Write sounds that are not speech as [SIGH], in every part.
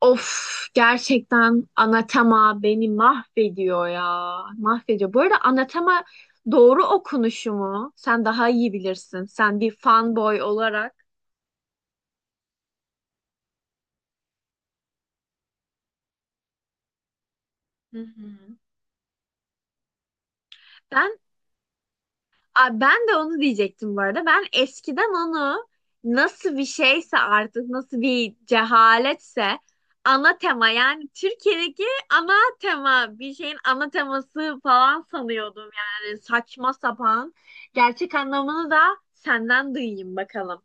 Of, gerçekten Anatema beni mahvediyor ya. Mahvediyor. Bu arada Anatema doğru okunuşu mu? Sen daha iyi bilirsin. Sen bir fanboy olarak. Hı hı. Ben ben de onu diyecektim bu arada. Ben eskiden onu nasıl bir şeyse artık nasıl bir cehaletse ana tema, yani Türkiye'deki ana tema, bir şeyin ana teması falan sanıyordum, yani saçma sapan. Gerçek anlamını da senden duyayım bakalım.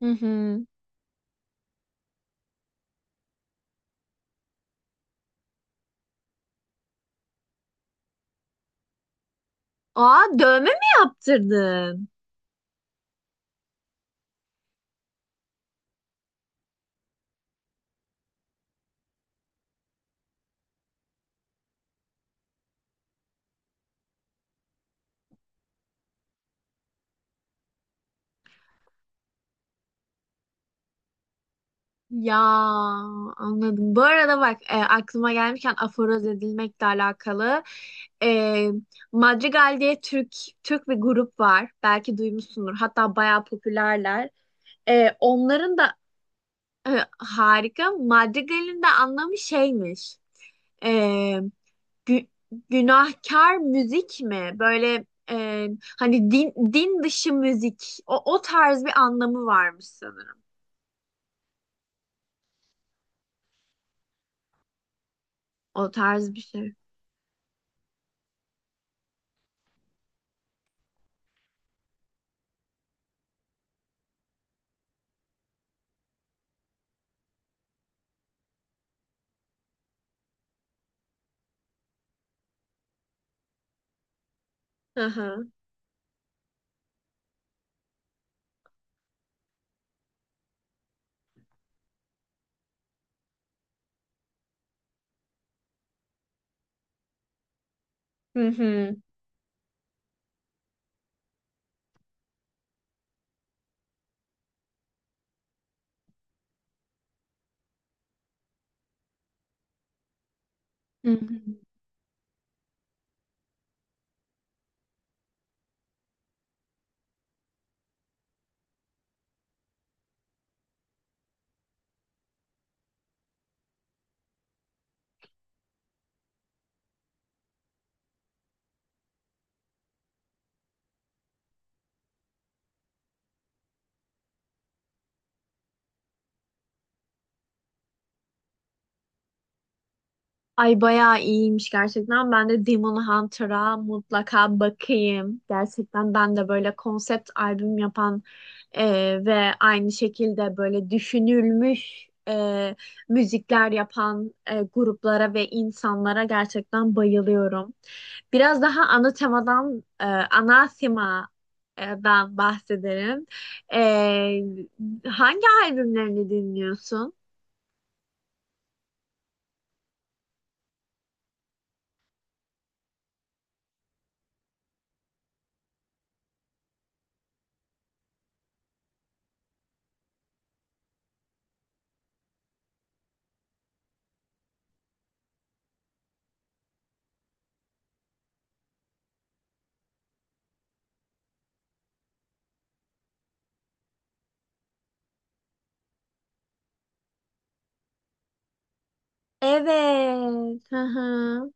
Hı hı. Aa, dövme mi yaptırdın? Ya anladım. Bu arada bak, aklıma gelmişken aforoz edilmekle alakalı e, Madrigal diye Türk bir grup var. Belki duymuşsundur. Hatta bayağı popülerler. E, onların da harika. Madrigal'in de anlamı şeymiş. E, gü- günahkar müzik mi? Böyle hani din dışı müzik. O, o tarz bir anlamı varmış sanırım. O tarz bir şey. Hı hı. Hı hı. Hı hı. Ay, bayağı iyiymiş gerçekten. Ben de Demon Hunter'a mutlaka bakayım. Gerçekten ben de böyle konsept albüm yapan e, ve aynı şekilde böyle düşünülmüş müzikler yapan gruplara ve insanlara gerçekten bayılıyorum. Biraz daha ana temadan, ana temadan bahsedelim. E, hangi albümlerini dinliyorsun? Evet. Hı hı.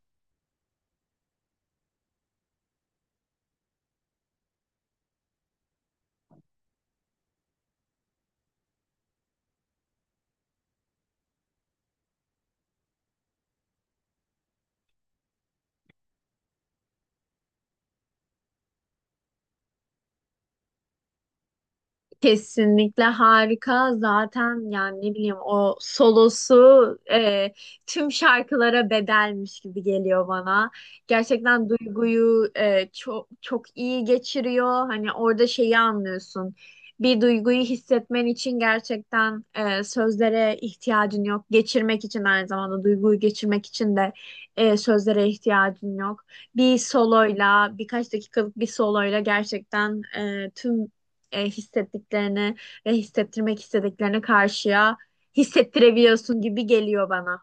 Kesinlikle harika. Zaten yani ne bileyim o solosu tüm şarkılara bedelmiş gibi geliyor bana. Gerçekten duyguyu çok çok iyi geçiriyor. Hani orada şeyi anlıyorsun. Bir duyguyu hissetmen için gerçekten sözlere ihtiyacın yok. Geçirmek için, aynı zamanda duyguyu geçirmek için de sözlere ihtiyacın yok. Bir soloyla, birkaç dakikalık bir soloyla gerçekten tüm hissettiklerine ve hissettirmek istediklerine karşıya hissettirebiliyorsun gibi geliyor bana.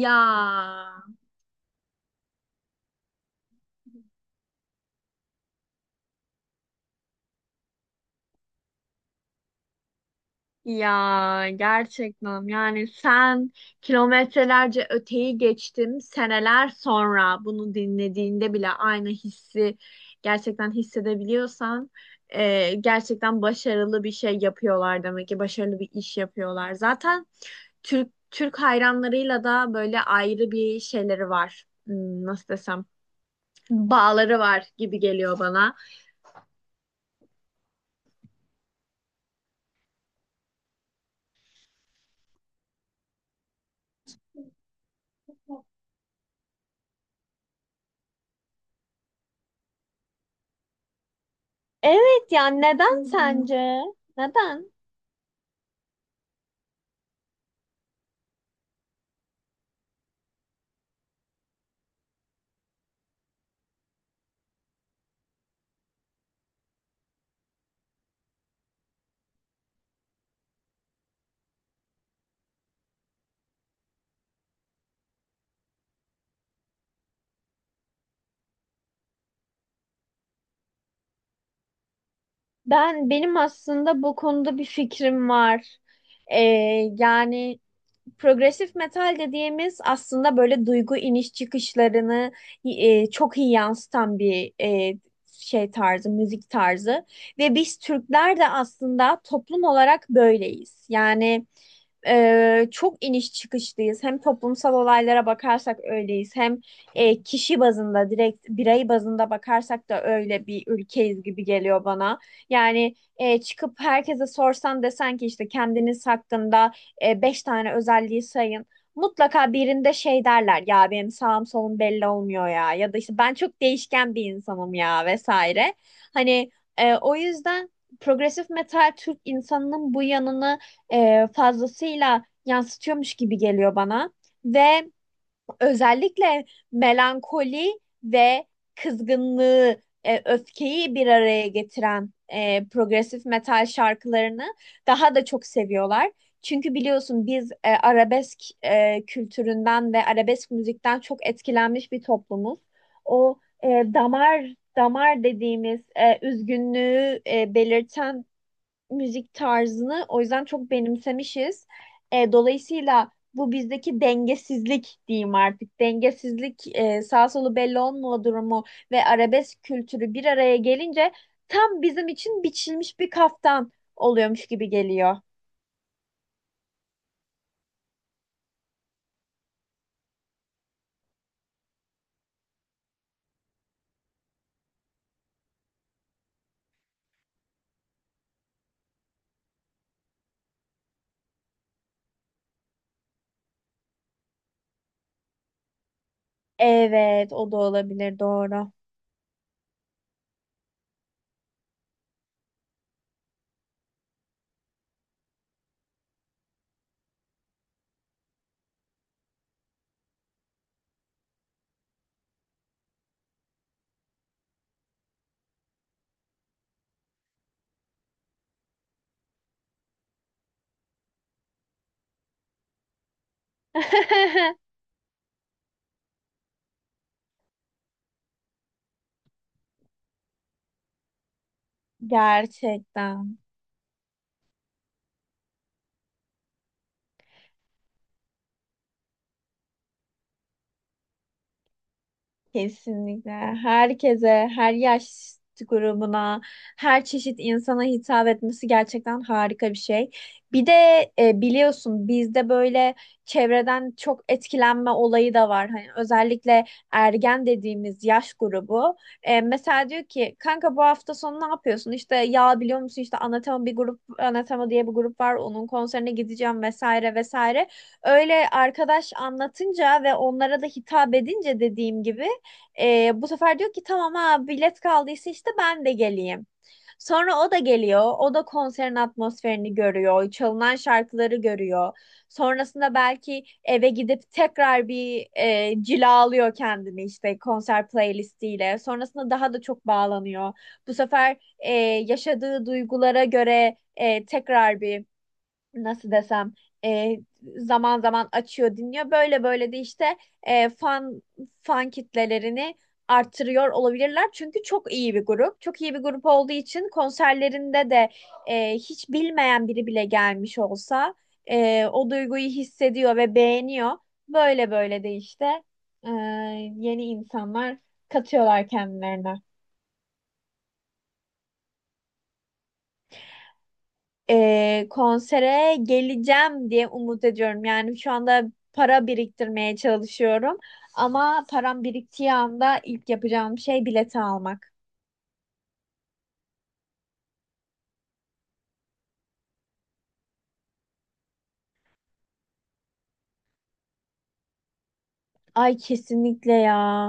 Ya. Ya gerçekten yani sen kilometrelerce öteyi geçtim, seneler sonra bunu dinlediğinde bile aynı hissi gerçekten hissedebiliyorsan gerçekten başarılı bir şey yapıyorlar demek ki, başarılı bir iş yapıyorlar. Zaten Türk hayranlarıyla da böyle ayrı bir şeyleri var. Nasıl desem, bağları var gibi geliyor bana. Neden sence? Benim aslında bu konuda bir fikrim var. Ee, yani. Progresif metal dediğimiz aslında böyle duygu iniş çıkışlarını çok iyi yansıtan bir şey tarzı, müzik tarzı. Ve biz Türkler de aslında toplum olarak böyleyiz. Yani çok iniş çıkışlıyız. Hem toplumsal olaylara bakarsak öyleyiz. Hem kişi bazında, direkt birey bazında bakarsak da öyle bir ülkeyiz gibi geliyor bana. Yani çıkıp herkese sorsan, desen ki işte kendiniz hakkında beş tane özelliği sayın. Mutlaka birinde şey derler ya, benim sağım solum belli olmuyor ya, ya da işte ben çok değişken bir insanım ya vesaire. Hani o yüzden progresif metal Türk insanının bu yanını fazlasıyla yansıtıyormuş gibi geliyor bana ve özellikle melankoli ve kızgınlığı, öfkeyi bir araya getiren progresif metal şarkılarını daha da çok seviyorlar. Çünkü biliyorsun biz arabesk kültüründen ve arabesk müzikten çok etkilenmiş bir toplumuz. O damar, damar dediğimiz üzgünlüğü belirten müzik tarzını o yüzden çok benimsemişiz. E, dolayısıyla bu bizdeki dengesizlik diyeyim artık. Dengesizlik, sağ solu belli olma durumu ve arabesk kültürü bir araya gelince tam bizim için biçilmiş bir kaftan oluyormuş gibi geliyor. Evet, o da olabilir, doğru. [LAUGHS] Gerçekten. Kesinlikle. Herkese, her yaş grubuna, her çeşit insana hitap etmesi gerçekten harika bir şey. Bir de biliyorsun bizde böyle çevreden çok etkilenme olayı da var. Hani özellikle ergen dediğimiz yaş grubu. E, mesela diyor ki, kanka bu hafta sonu ne yapıyorsun? İşte ya biliyor musun, işte Anatema bir grup, Anatema diye bir grup var. Onun konserine gideceğim vesaire vesaire. Öyle arkadaş anlatınca ve onlara da hitap edince, dediğim gibi, bu sefer diyor ki, tamam ha, bilet kaldıysa işte ben de geleyim. Sonra o da geliyor. O da konserin atmosferini görüyor. Çalınan şarkıları görüyor. Sonrasında belki eve gidip tekrar bir cilalıyor kendini işte konser playlistiyle. Sonrasında daha da çok bağlanıyor. Bu sefer yaşadığı duygulara göre tekrar bir, nasıl desem, e, zaman zaman açıyor dinliyor. Böyle böyle de işte e, fan fan kitlelerini artırıyor olabilirler. Çünkü çok iyi bir grup. Çok iyi bir grup olduğu için konserlerinde de hiç bilmeyen biri bile gelmiş olsa o duyguyu hissediyor ve beğeniyor. Böyle böyle de işte e, yeni insanlar katıyorlar kendilerine. Konsere geleceğim diye umut ediyorum. Yani şu anda para biriktirmeye çalışıyorum. Ama param biriktiği anda ilk yapacağım şey bileti almak. Ay, kesinlikle ya.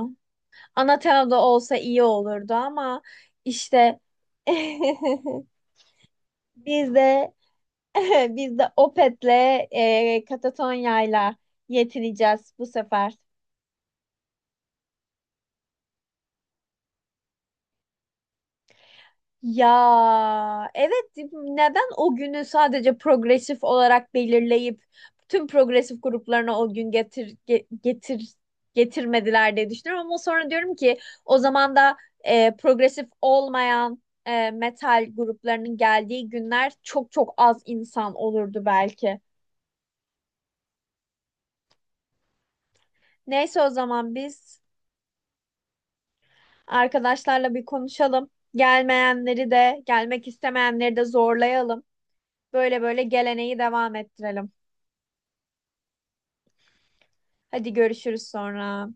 Anatena'da olsa iyi olurdu ama işte [LAUGHS] biz de [LAUGHS] biz de Opet'le Katatonya'yla yetineceğiz bu sefer. Ya, evet, neden o günü sadece progresif olarak belirleyip tüm progresif gruplarına o gün getirmediler diye düşünüyorum, ama sonra diyorum ki o zaman da progresif olmayan metal gruplarının geldiği günler çok çok az insan olurdu belki. Neyse, o zaman biz arkadaşlarla bir konuşalım. Gelmeyenleri de gelmek istemeyenleri de zorlayalım. Böyle böyle geleneği devam ettirelim. Hadi görüşürüz sonra.